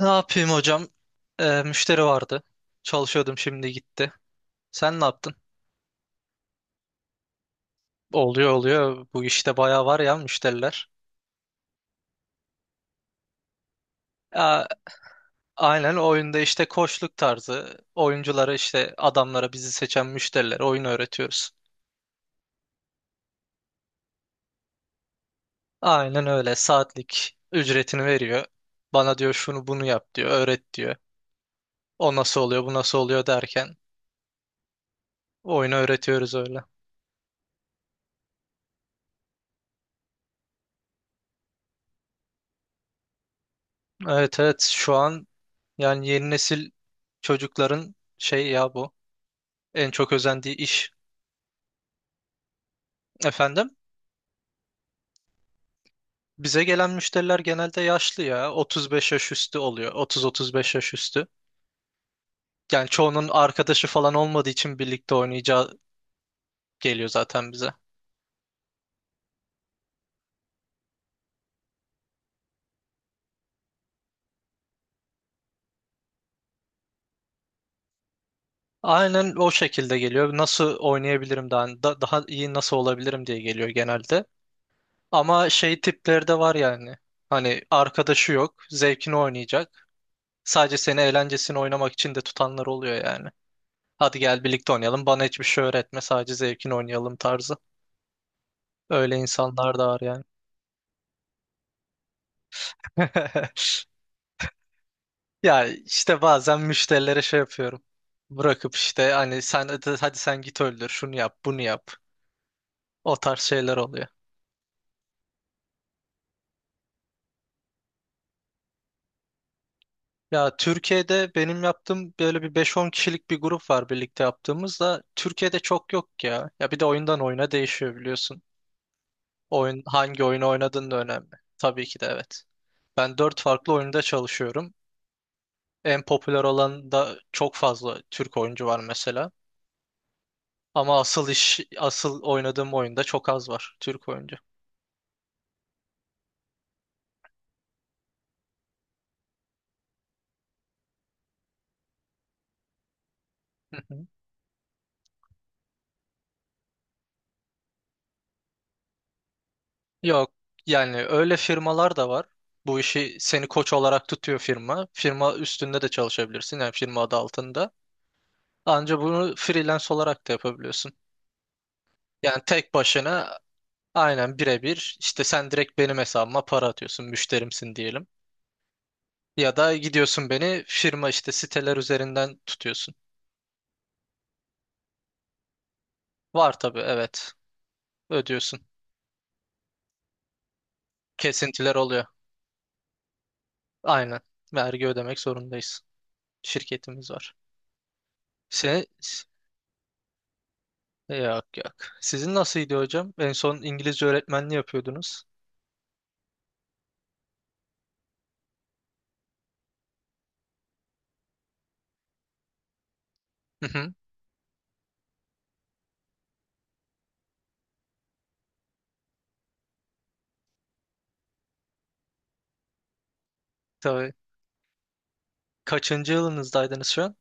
Ne yapayım hocam? Müşteri vardı. Çalışıyordum, şimdi gitti. Sen ne yaptın? Oluyor oluyor. Bu işte bayağı var ya müşteriler. Aa, aynen, oyunda işte koçluk tarzı. Oyunculara işte adamlara bizi seçen müşterilere oyun öğretiyoruz. Aynen öyle. Saatlik ücretini veriyor. Bana diyor şunu bunu yap diyor. Öğret diyor. O nasıl oluyor bu nasıl oluyor derken oyunu öğretiyoruz öyle. Evet evet, şu an yani yeni nesil çocukların şey ya bu. En çok özendiği iş efendim. Bize gelen müşteriler genelde yaşlı ya. 35 yaş üstü oluyor. 30-35 yaş üstü. Yani çoğunun arkadaşı falan olmadığı için birlikte oynayacağı geliyor zaten bize. Aynen o şekilde geliyor. Nasıl oynayabilirim daha, daha iyi nasıl olabilirim diye geliyor genelde. Ama şey tipleri de var yani. Hani arkadaşı yok, zevkini oynayacak. Sadece seni eğlencesini oynamak için de tutanlar oluyor yani. Hadi gel birlikte oynayalım. Bana hiçbir şey öğretme, sadece zevkini oynayalım tarzı. Öyle insanlar da var yani. Ya işte bazen müşterilere şey yapıyorum. Bırakıp işte hani sen hadi hadi sen git öldür şunu yap bunu yap. O tarz şeyler oluyor. Ya Türkiye'de benim yaptığım böyle bir beş-on kişilik bir grup var birlikte yaptığımız da, Türkiye'de çok yok ya. Ya bir de oyundan oyuna değişiyor biliyorsun. Oyun, hangi oyunu oynadığın da önemli. Tabii ki de, evet. Ben 4 farklı oyunda çalışıyorum. En popüler olan da çok fazla Türk oyuncu var mesela. Ama asıl iş, asıl oynadığım oyunda çok az var Türk oyuncu. Hı hı. Yok, yani öyle firmalar da var. Bu işi seni koç olarak tutuyor firma. Firma üstünde de çalışabilirsin yani, firma adı altında. Ancak bunu freelance olarak da yapabiliyorsun. Yani tek başına, aynen birebir işte, sen direkt benim hesabıma para atıyorsun müşterimsin diyelim. Ya da gidiyorsun beni firma işte siteler üzerinden tutuyorsun. Var tabii, evet, ödüyorsun. Kesintiler oluyor. Aynen, vergi ödemek zorundayız. Şirketimiz var. Se Yok yok. Sizin nasılydı hocam? En son İngilizce öğretmenliği yapıyordunuz. Hı hı. Tabii. Kaçıncı yılınızdaydınız şu an?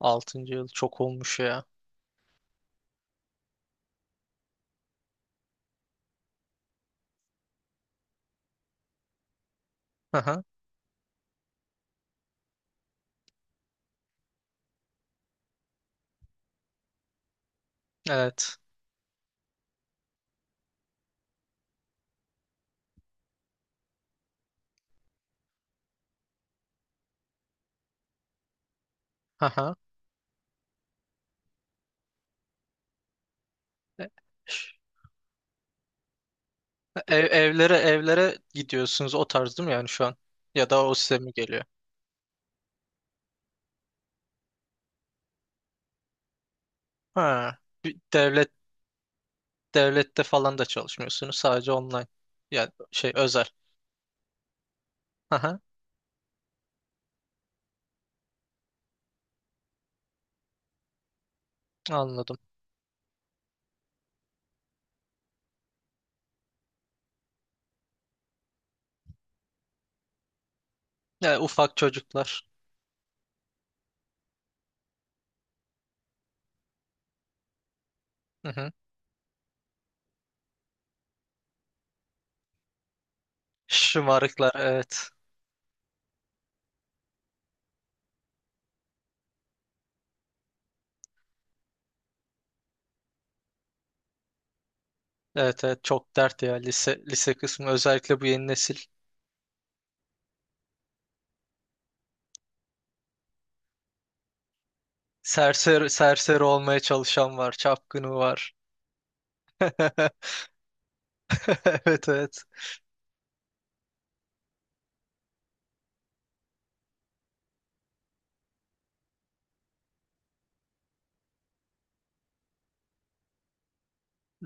Altıncı yıl. Çok olmuş ya. Hı hı. Evet. Hı hı. E- evlere evlere gidiyorsunuz o tarz değil mi yani şu an? Ya da o size mi geliyor? Ha. Bir Devlet Devlette falan da çalışmıyorsunuz. Sadece online. Yani şey, özel. Hı hı. Anladım. Yani ufak çocuklar. Hı hı. Şımarıklar, evet. Evet evet, çok dert ya lise lise kısmı özellikle bu yeni nesil. Serseri, serseri olmaya çalışan var, çapkını var. Evet evet.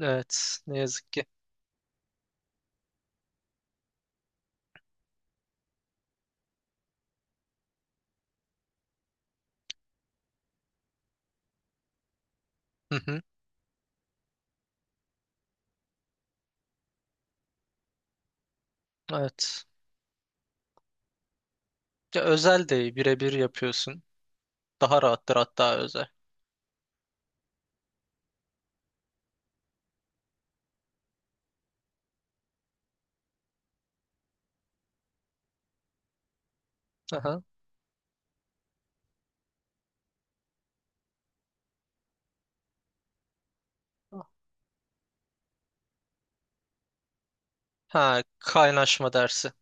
Evet, ne yazık ki. Hı hı. Evet. Ya, özel değil birebir yapıyorsun. Daha rahattır hatta özel. Aha. Ha, kaynaşma dersi.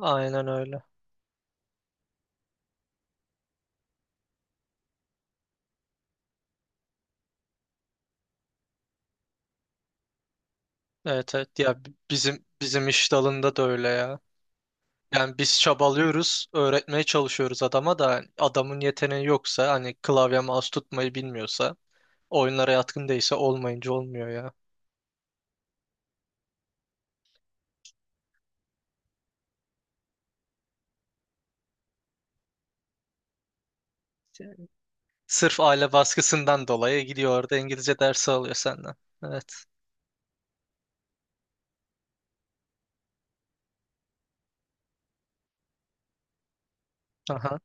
Aynen öyle. Evet evet, ya bizim iş dalında da öyle ya. Yani biz çabalıyoruz, öğretmeye çalışıyoruz adama da, hani adamın yeteneği yoksa, hani klavye mouse tutmayı bilmiyorsa, oyunlara yatkın değilse, olmayınca olmuyor ya. Yani sırf aile baskısından dolayı gidiyor orada İngilizce dersi alıyor senden. Evet. Aha.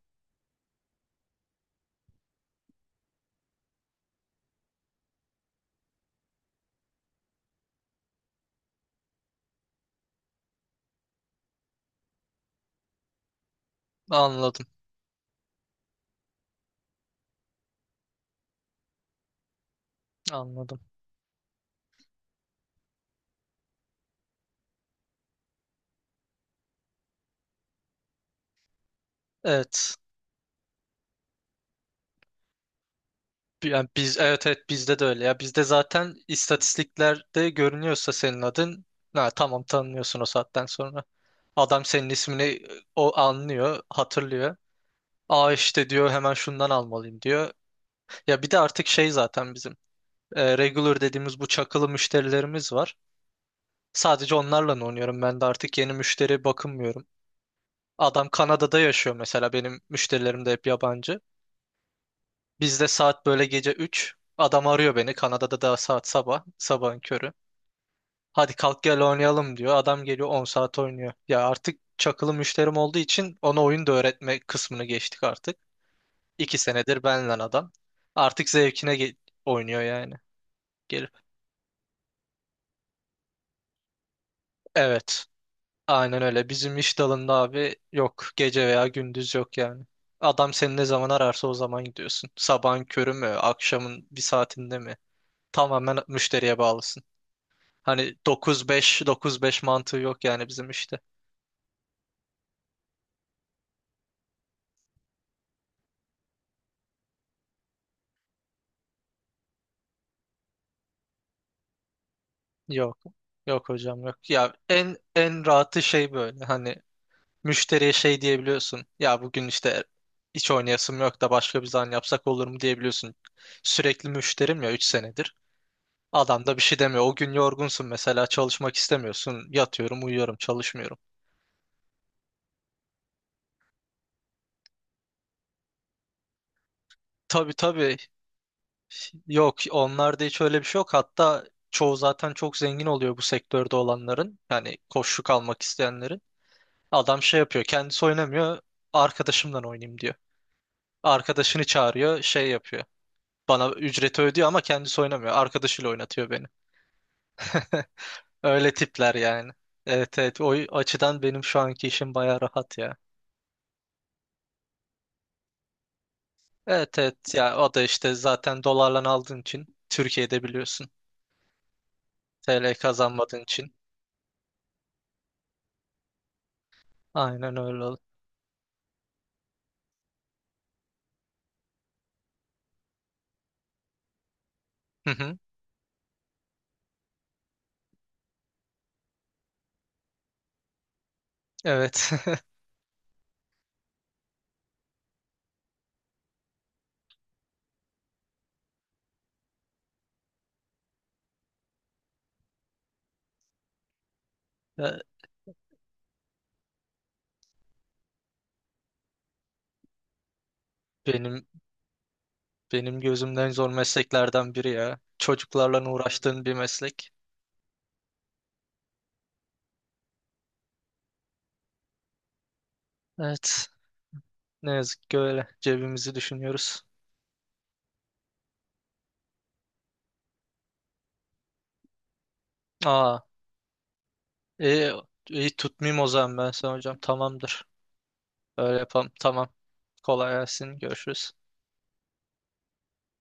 Anladım. Anladım. Evet. Yani biz evet evet, bizde de öyle ya. Bizde zaten istatistiklerde görünüyorsa senin adın, ha, tamam, tanınıyorsun o saatten sonra. Adam senin ismini o anlıyor, hatırlıyor. Aa, işte diyor, hemen şundan almalıyım diyor. Ya bir de artık şey zaten bizim, regular dediğimiz bu çakılı müşterilerimiz var. Sadece onlarla oynuyorum, ben de artık yeni müşteri bakınmıyorum. Adam Kanada'da yaşıyor mesela, benim müşterilerim de hep yabancı. Bizde saat böyle gece üç, adam arıyor beni, Kanada'da da saat sabah, sabahın körü. Hadi kalk gel oynayalım diyor. Adam geliyor 10 saat oynuyor. Ya artık çakılı müşterim olduğu için ona oyun da öğretme kısmını geçtik artık. 2 senedir benle adam. Artık zevkine oynuyor yani. Gelip. Evet. Aynen öyle. Bizim iş dalında abi yok. Gece veya gündüz yok yani. Adam seni ne zaman ararsa o zaman gidiyorsun. Sabahın körü mü, akşamın bir saatinde mi? Tamamen müşteriye bağlısın. Hani 9-5, 9-5 mantığı yok yani bizim işte. Yok. Yok hocam yok. Ya en en rahatı şey böyle. Hani müşteriye şey diyebiliyorsun. Ya bugün işte hiç oynayasım yok da başka bir zaman yapsak olur mu diyebiliyorsun. Sürekli müşterim ya, 3 senedir. Adam da bir şey demiyor. O gün yorgunsun mesela, çalışmak istemiyorsun. Yatıyorum, uyuyorum, çalışmıyorum. Tabii tabii. Yok, onlarda hiç öyle bir şey yok. Hatta çoğu zaten çok zengin oluyor bu sektörde olanların. Yani koçluk almak isteyenlerin. Adam şey yapıyor, kendisi oynamıyor. Arkadaşımdan oynayayım diyor. Arkadaşını çağırıyor. Şey yapıyor. Bana ücreti ödüyor ama kendisi oynamıyor. Arkadaşıyla oynatıyor beni. Öyle tipler yani. Evet evet. O açıdan benim şu anki işim baya rahat ya. Evet evet, ya o da işte zaten dolarla aldığın için Türkiye'de biliyorsun. TL kazanmadığın için. Aynen öyle oldu. Hı hı. Evet. Ya Benim benim gözümden zor mesleklerden biri ya. Çocuklarla uğraştığın bir meslek. Evet. Ne yazık ki öyle. Cebimizi düşünüyoruz. Aa, iyi, iyi tutmayayım o zaman ben sana hocam. Tamamdır. Öyle yapalım. Tamam. Kolay gelsin. Görüşürüz.